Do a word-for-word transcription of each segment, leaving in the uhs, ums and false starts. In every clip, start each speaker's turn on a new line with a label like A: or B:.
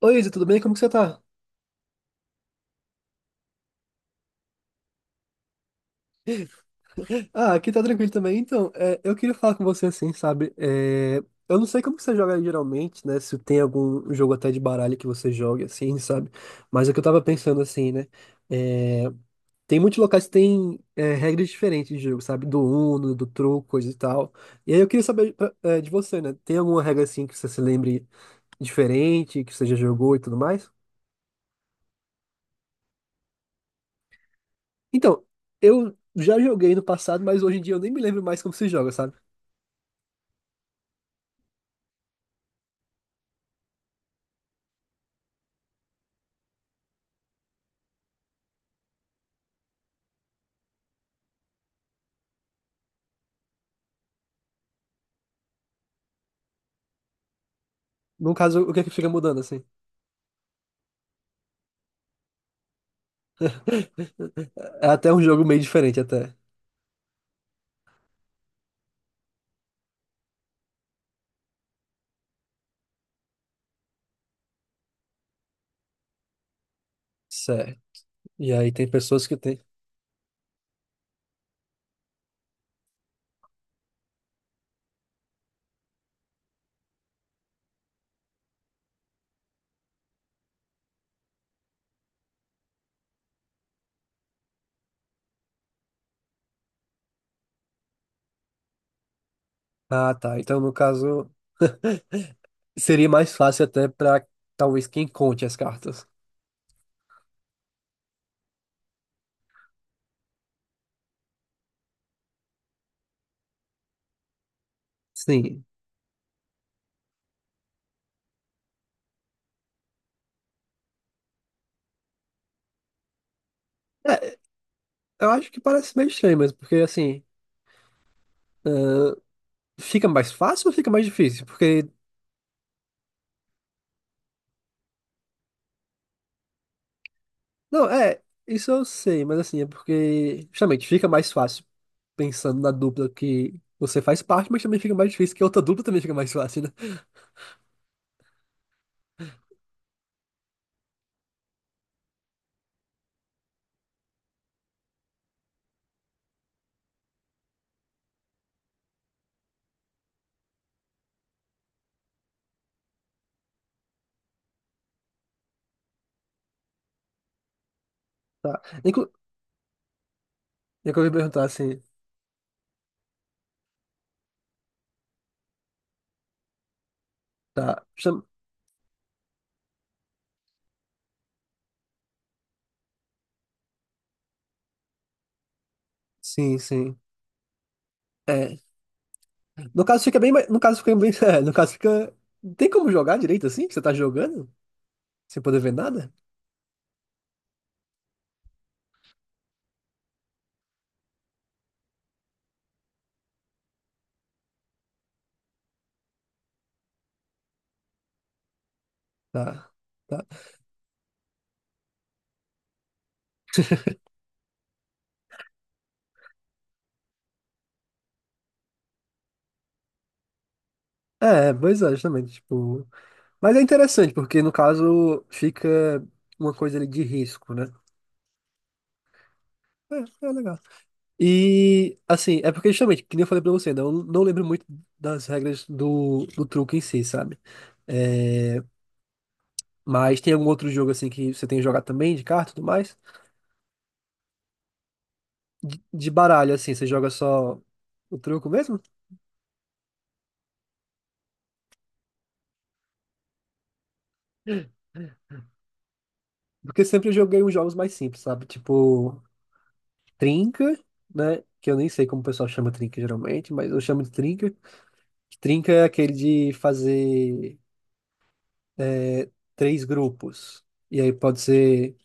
A: Oi, Isa, tudo bem? Como que você tá? Ah, aqui tá tranquilo também. Então, é, eu queria falar com você assim, sabe? É, eu não sei como que você joga geralmente, né? Se tem algum jogo até de baralho que você joga, assim, sabe? Mas é que eu tava pensando assim, né? É, tem muitos locais que tem é, regras diferentes de jogo, sabe? Do Uno, do truco, coisa e tal. E aí eu queria saber pra- é, de você, né? Tem alguma regra assim que você se lembre diferente, que você já jogou e tudo mais? Então, eu já joguei no passado, mas hoje em dia eu nem me lembro mais como se joga, sabe? No caso, o que é que fica mudando, assim? É até um jogo meio diferente, até. Certo. E aí tem pessoas que tem. Ah, tá. Então, no caso, seria mais fácil até pra talvez quem conte as cartas. Sim. É, eu acho que parece meio estranho, mas porque assim, fica mais fácil ou fica mais difícil? Porque. Não, é, isso eu sei, mas assim, é porque justamente fica mais fácil pensando na dupla que você faz parte, mas também fica mais difícil que a outra dupla também fica mais fácil, né? Tá. Inclu- Eu queria perguntar assim, tá. Sim, sim. É. No caso fica bem, mais- no caso fica bem, é, no caso fica, não tem como jogar direito assim? Você tá jogando sem poder ver nada? Tá. tá. É, é, pois é, justamente, tipo, mas é interessante porque no caso fica uma coisa ali de risco, né? É, é legal. E assim, é porque justamente, que nem eu falei pra você, né? Eu não lembro muito das regras do, do truque em si, sabe? É, mas tem algum outro jogo assim que você tem jogado também de carta e tudo mais? de de baralho, assim, você joga só o truco mesmo? Porque sempre eu joguei uns jogos mais simples, sabe? Tipo, trinca, né? Que eu nem sei como o pessoal chama trinca geralmente, mas eu chamo de trinca. Trinca é aquele de fazer três grupos. E aí pode ser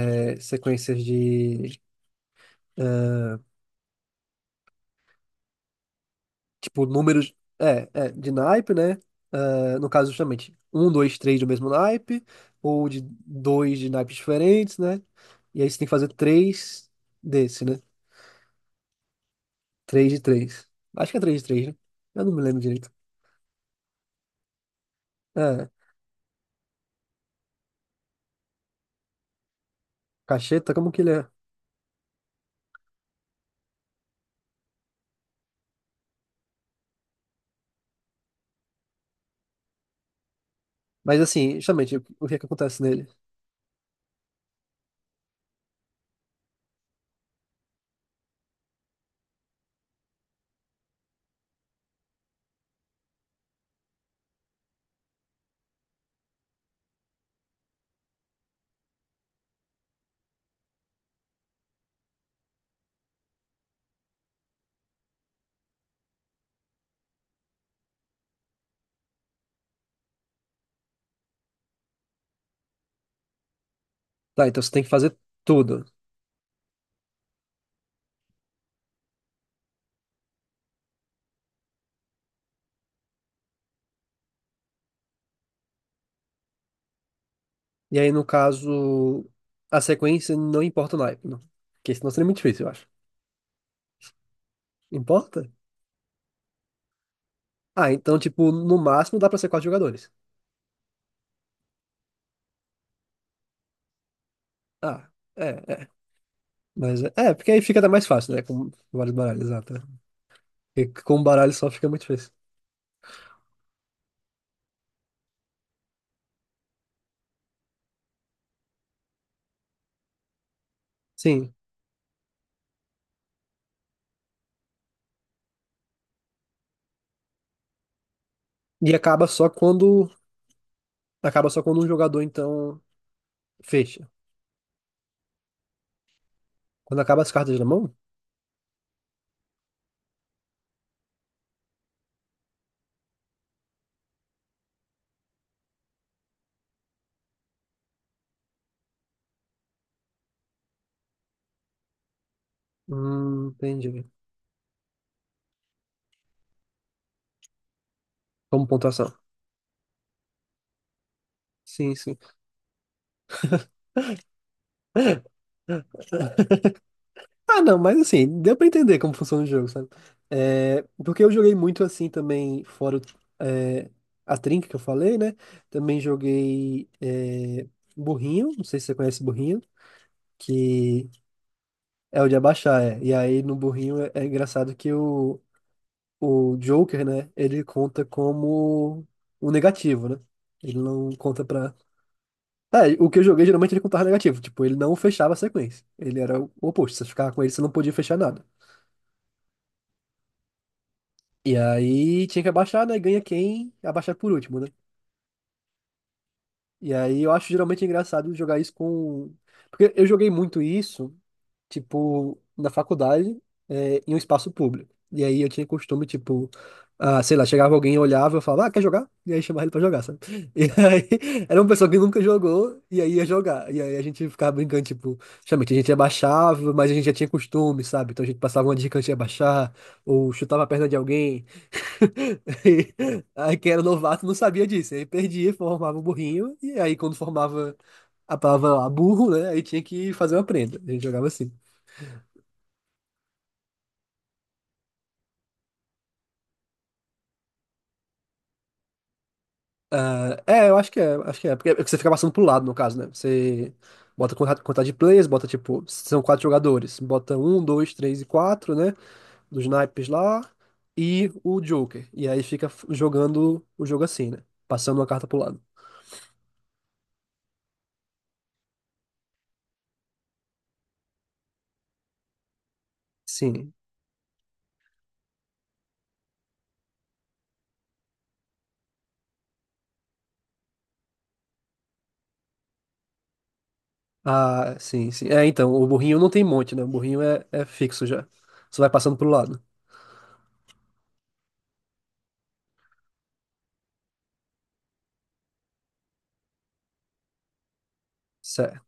A: é, sequências de, tipo, números. É, é, de naipe, né? Ah, no caso, justamente, um, dois, três do mesmo naipe, ou de dois de naipes diferentes, né? E aí você tem que fazer três desse, né? três de três Acho que é três de três, né? Eu não me lembro direito. É, cacheta, como que ele é? Mas assim, justamente, o o que é que acontece nele? Tá, então você tem que fazer tudo. E aí, no caso, a sequência não importa o naipe, não. Porque senão seria muito difícil, eu acho. Importa? Ah, então, tipo, no máximo dá pra ser quatro jogadores. Ah, é, é. Mas é, é, porque aí fica até mais fácil, né? Com vários baralhos, exato. Né? Porque com um baralho só fica muito difícil. Sim. E acaba só quando. Acaba só quando um jogador, então, fecha. Quando acaba as cartas na mão? Hum, entendi. Como pontuação. Sim, sim. Ah, não, mas assim, deu pra entender como funciona o jogo, sabe? É, porque eu joguei muito assim também, fora o- é, a trinca que eu falei, né? Também joguei é, burrinho, não sei se você conhece burrinho, que é o de abaixar, é. E aí no burrinho é, é engraçado que o, o Joker, né? Ele conta como um negativo, né? Ele não conta pra. É, o que eu joguei geralmente ele contava negativo. Tipo, ele não fechava a sequência. Ele era o oposto. Se Você ficava com ele, você não podia fechar nada. E aí tinha que abaixar, né? Ganha quem abaixar por último, né? E aí eu acho geralmente engraçado jogar isso com. Porque eu joguei muito isso, tipo, na faculdade, é, em um espaço público. E aí eu tinha costume, tipo, ah, sei lá, chegava alguém, olhava, eu falava, ah, quer jogar? E aí chamava ele pra jogar, sabe? E aí era uma pessoa que nunca jogou e aí ia jogar. E aí a gente ficava brincando, tipo, justamente, a gente abaixava, mas a gente já tinha costume, sabe? Então a gente passava uma dica antes de abaixar, ou chutava a perna de alguém. Aí, aí quem era novato não sabia disso. Aí perdia, formava o burrinho, e aí quando formava a palavra lá, burro, né? Aí tinha que fazer uma prenda. A gente jogava assim. Ah, é, eu acho que é, acho que é. Porque você fica passando pro lado, no caso, né? Você bota conta- contagem de players, bota tipo, são quatro jogadores. Bota um, dois, três e quatro, né? Dos naipes lá, e o Joker. E aí fica f- jogando o jogo assim, né? Passando uma carta pro lado. Sim. Ah, sim, sim. É, então, o burrinho não tem monte, né? O burrinho é, é fixo já. Você vai passando pro lado. Certo.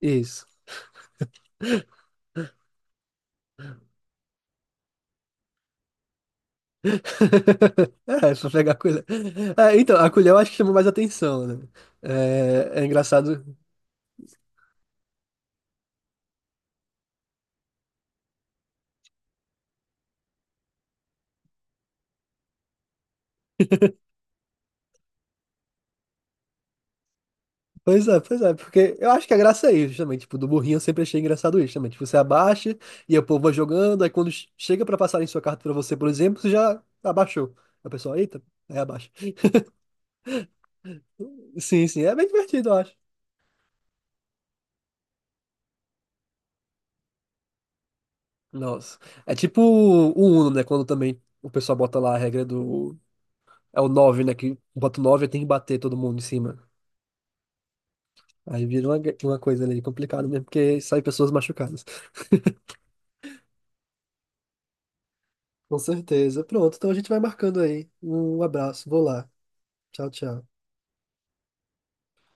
A: Isso. É, pra pegar a colher. É, então, a colher eu acho que chama mais atenção, né? É, é engraçado. Pois é, pois é, porque eu acho que a graça é isso, justamente. Tipo, do burrinho eu sempre achei engraçado isso, justamente. Você abaixa e o povo vai jogando, aí quando chega pra passarem sua carta pra você, por exemplo, você já abaixou. A pessoa, eita, aí abaixa. Sim, sim, é bem divertido, eu acho. Nossa. É tipo o Uno, né? Quando também o pessoal bota lá a regra do. É o nove, né? Que bota o nove e tem que bater todo mundo em cima. Aí vira uma, uma coisa ali complicada mesmo, porque saem pessoas machucadas. Com certeza. Pronto, então a gente vai marcando aí. Um abraço, vou lá. Tchau, tchau.